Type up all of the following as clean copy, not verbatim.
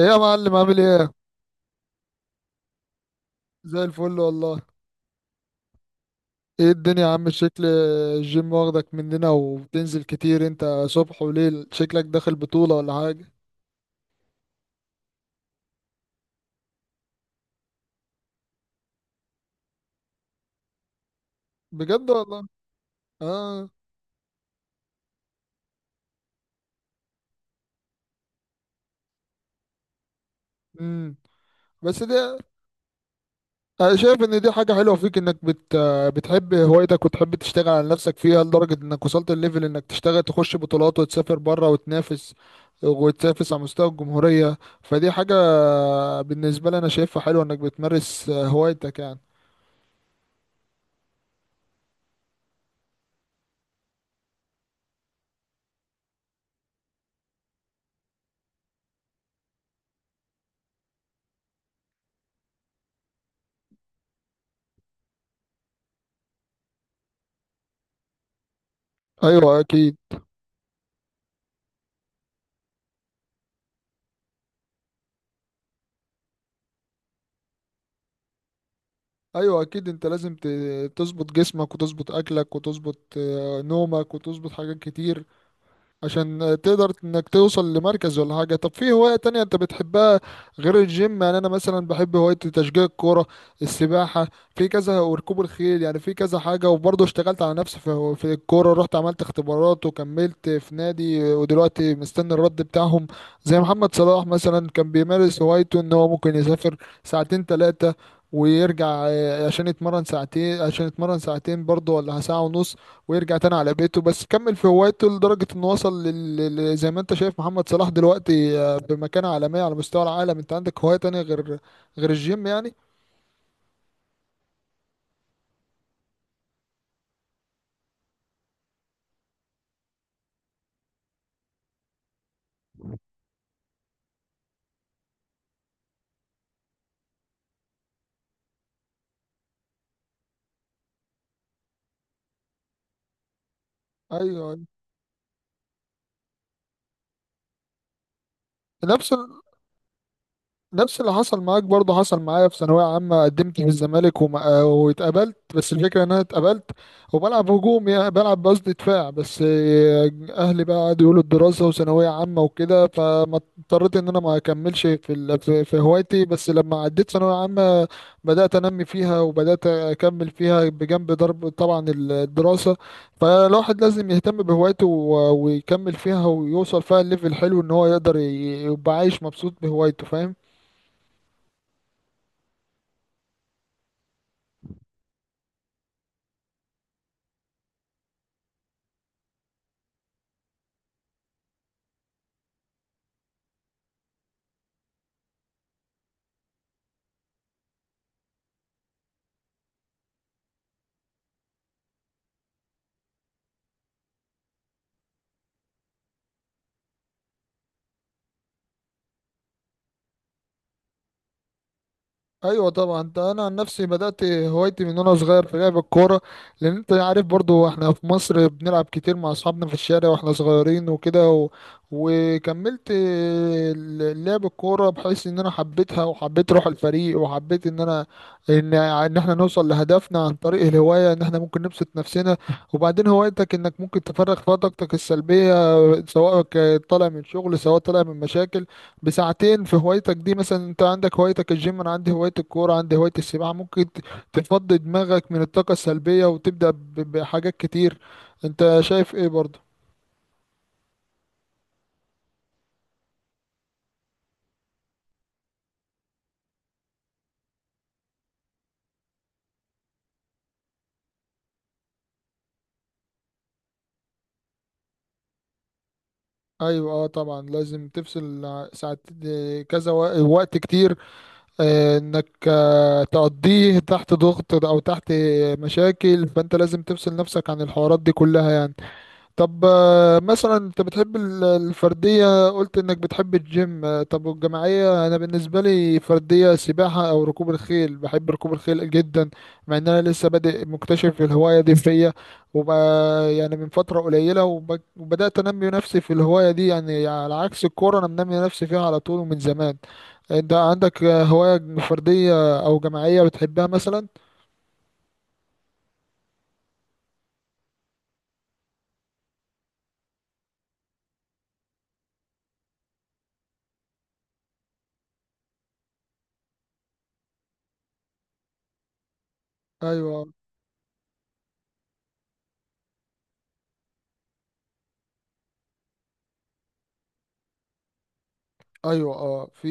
ايه يا معلم، عامل ايه؟ زي الفل والله. ايه الدنيا يا عم؟ شكل الجيم واخدك مننا وبتنزل كتير انت، صبح وليل، شكلك داخل بطولة ولا حاجة؟ بجد والله. اه. امم بس دي انا شايف ان دي حاجة حلوة فيك، انك بتحب هوايتك وتحب تشتغل على نفسك فيها، لدرجة انك وصلت الليفل انك تشتغل تخش بطولات وتسافر بره وتنافس، وتنافس على مستوى الجمهورية. فدي حاجة بالنسبة لي انا شايفها حلوة، انك بتمارس هوايتك يعني. ايوه اكيد. ايوه اكيد، انت لازم تظبط جسمك وتظبط اكلك وتظبط نومك وتظبط حاجات كتير عشان تقدر انك توصل لمركز ولا حاجة. طب في هواية تانية انت بتحبها غير الجيم يعني؟ انا مثلا بحب هواية تشجيع الكورة، السباحة، في كذا، وركوب الخيل، يعني في كذا حاجة. وبرضه اشتغلت على نفسي في الكورة، رحت عملت اختبارات وكملت في نادي ودلوقتي مستني الرد بتاعهم. زي محمد صلاح مثلا، كان بيمارس هوايته ان هو ممكن يسافر ساعتين ثلاثة ويرجع، عشان يتمرن ساعتين، عشان يتمرن ساعتين برضه ولا ساعة ونص، ويرجع تاني على بيته. بس كمل في هوايته لدرجة انه وصل زي ما انت شايف محمد صلاح دلوقتي، بمكانة عالمية على مستوى العالم. انت عندك هواية تانية غير غير الجيم يعني؟ ايوه. أيوة. نفس، نفس اللي حصل معاك برضه حصل معايا في ثانوية عامة، قدمت في الزمالك واتقبلت، بس الفكرة ان انا اتقبلت وبلعب هجوم، يعني بلعب قصدي دفاع، بس اهلي بقى قعدوا يقولوا الدراسة وثانوية عامة وكده، فما اضطريت ان انا ما اكملش في في هوايتي. بس لما عديت ثانوية عامة بدأت انمي فيها وبدأت اكمل فيها بجنب ضرب طبعا الدراسة. فالواحد لازم يهتم بهوايته ويكمل فيها ويوصل فيها الليفل الحلو، ان هو يقدر يبقى عايش مبسوط بهوايته، فاهم؟ ايوه طبعا. ده انا عن نفسي بدات هوايتي من وانا صغير في لعب الكوره، لان انت عارف برضو احنا في مصر بنلعب كتير مع اصحابنا في الشارع واحنا صغيرين وكده وكملت لعب الكوره، بحيث ان انا حبيتها وحبيت روح الفريق وحبيت ان انا ان احنا نوصل لهدفنا عن طريق الهوايه، ان احنا ممكن نبسط نفسنا. وبعدين هوايتك انك ممكن تفرغ فيها طاقتك السلبيه، سواء طالع من شغل، سواء طالع من مشاكل، بساعتين في هوايتك دي. مثلا انت عندك هوايتك الجيم، انا عندي هواية الكورة، عندي هواية السباحة، ممكن تفضي دماغك من الطاقة السلبية وتبدأ بحاجات كتير. انت شايف ايه برضه؟ ايوه اه، طبعا لازم تفصل ساعات، اه، كذا وقت كتير، اه، انك، اه، تقضيه تحت ضغط او تحت مشاكل، فانت لازم تفصل نفسك عن الحوارات دي كلها يعني. طب مثلا انت بتحب الفردية، قلت انك بتحب الجيم، طب والجماعية؟ انا بالنسبة لي فردية سباحة او ركوب الخيل، بحب ركوب الخيل جدا، مع ان انا لسه بادئ مكتشف الهواية دي فيا وب... يعني من فترة قليلة، وبدأت انمي نفسي في الهواية دي، يعني على عكس الكورة، انا منمي نفسي فيها على طول ومن زمان. انت عندك هواية فردية او جماعية بتحبها مثلا؟ ايوه ايوه اه، في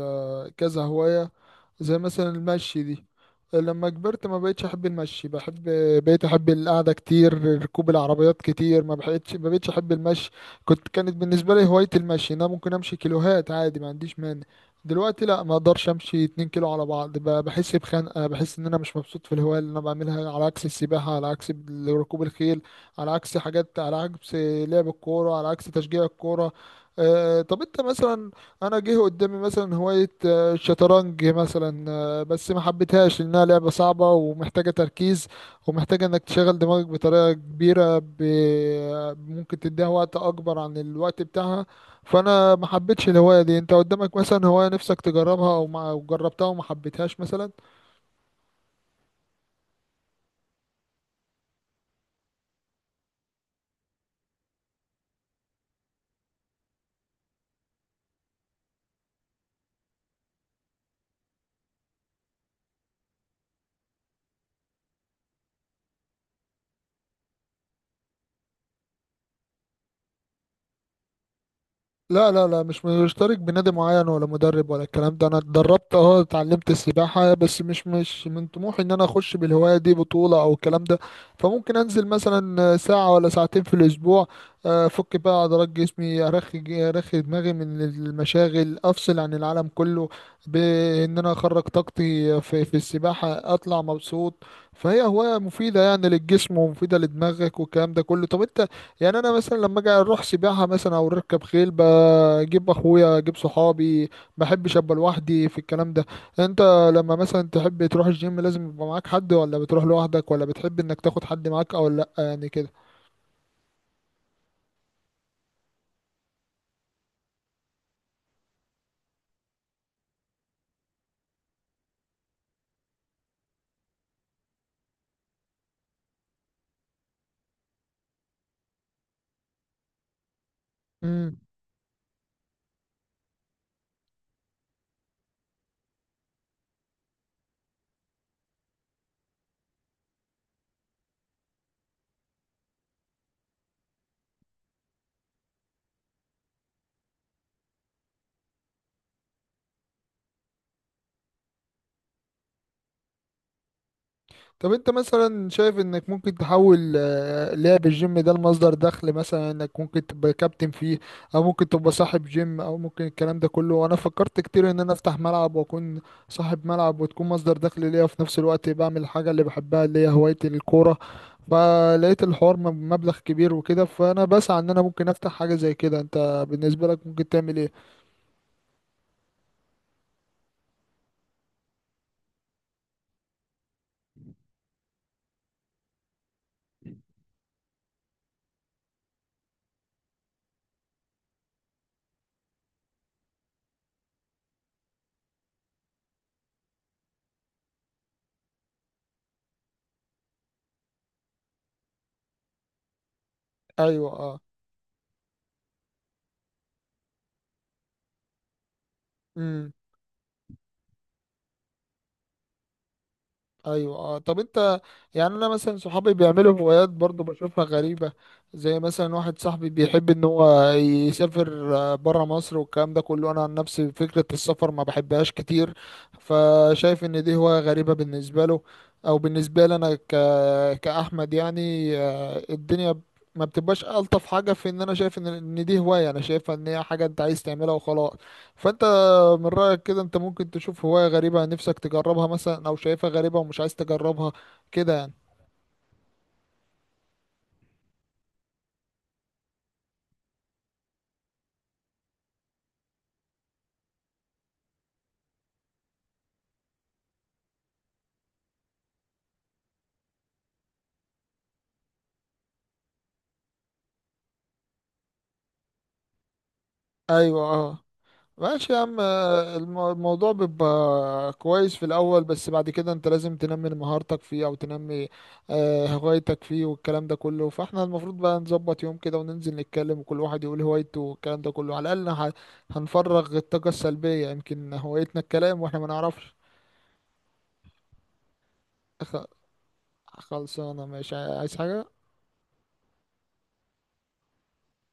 كذا هواية، زي مثلا المشي دي، لما كبرت ما بقتش احب المشي، بحب، بقيت احب القعده كتير، ركوب العربيات كتير، ما بقتش احب المشي. كنت، كانت بالنسبه لي هوايه المشي إن انا ممكن امشي كيلوهات عادي، ما عنديش مانع. دلوقتي لا، ما اقدرش امشي 2 كيلو على بعض، بحس بخنقه، بحس ان انا مش مبسوط في الهوايه اللي انا بعملها، على عكس السباحه، على عكس ركوب الخيل، على عكس حاجات، على عكس لعب الكوره، على عكس تشجيع الكوره. طب انت مثلا، انا جه قدامي مثلا هوايه الشطرنج مثلا، بس ما حبيتهاش لأنها لعبة صعبة ومحتاجة تركيز، ومحتاجة إنك تشغل دماغك بطريقة كبيرة، ممكن تديها وقت أكبر عن الوقت بتاعها، فأنا ما حبيتش الهواية دي. أنت قدامك مثلا هواية نفسك تجربها، أو ما أو جربتها وما حبيتهاش مثلا؟ لا لا لا، مش مشترك بنادي معين ولا مدرب ولا الكلام ده، انا اتدربت، اه، اتعلمت السباحة، بس مش من طموحي ان انا اخش بالهواية دي بطولة او الكلام ده. فممكن انزل مثلا ساعة ولا ساعتين في الاسبوع، افك بقى عضلات جسمي، ارخي ارخي دماغي من المشاغل، افصل عن العالم كله، بان انا اخرج طاقتي في السباحة اطلع مبسوط. فهي هواية مفيدة يعني للجسم ومفيدة لدماغك والكلام ده كله. طب انت، يعني انا مثلا لما اجي اروح سباحه مثلا او اركب خيل، بجيب اخويا اجيب صحابي، ما بحبش ابقى لوحدي في الكلام ده. انت لما مثلا تحب تروح الجيم، لازم يبقى معاك حد ولا بتروح لوحدك، ولا بتحب انك تاخد حد معاك او لا يعني؟ كده. طب انت مثلا شايف انك ممكن تحول لعب الجيم ده لمصدر دخل مثلا، انك ممكن تبقى كابتن فيه، او ممكن تبقى صاحب جيم، او ممكن الكلام ده كله؟ وانا فكرت كتير ان انا افتح ملعب واكون صاحب ملعب، وتكون مصدر دخل ليا في نفس الوقت بعمل الحاجة اللي بحبها اللي هي هواية الكورة، فلقيت الحوار مبلغ كبير وكده، فانا بسعى ان انا ممكن افتح حاجة زي كده. انت بالنسبة لك ممكن تعمل ايه؟ ايوه اه. امم. ايوه اه، طب انت، يعني انا مثلا صحابي بيعملوا هوايات برضو بشوفها غريبة، زي مثلا واحد صاحبي بيحب ان هو يسافر بره مصر والكلام ده كله، انا عن نفسي فكرة السفر ما بحبهاش كتير، فشايف ان دي هواية غريبة بالنسبة له، او بالنسبة لي انا كأحمد يعني. الدنيا ما بتبقاش ألطف حاجة، في ان انا شايف ان دي هواية، انا شايفها ان هي حاجة انت عايز تعملها وخلاص. فانت من رأيك كده، انت ممكن تشوف هواية غريبة نفسك تجربها مثلا، او شايفها غريبة ومش عايز تجربها كده يعني؟ ايوه اه. ماشي يا عم، الموضوع بيبقى كويس في الاول، بس بعد كده انت لازم تنمي مهارتك فيه او تنمي هوايتك فيه والكلام ده كله. فاحنا المفروض بقى نظبط يوم كده وننزل نتكلم وكل واحد يقول هوايته والكلام ده كله، على الاقل هنفرغ الطاقة السلبية. يمكن هوايتنا الكلام واحنا ما نعرفش. خ- خلصانة ماشي، عايز حاجة؟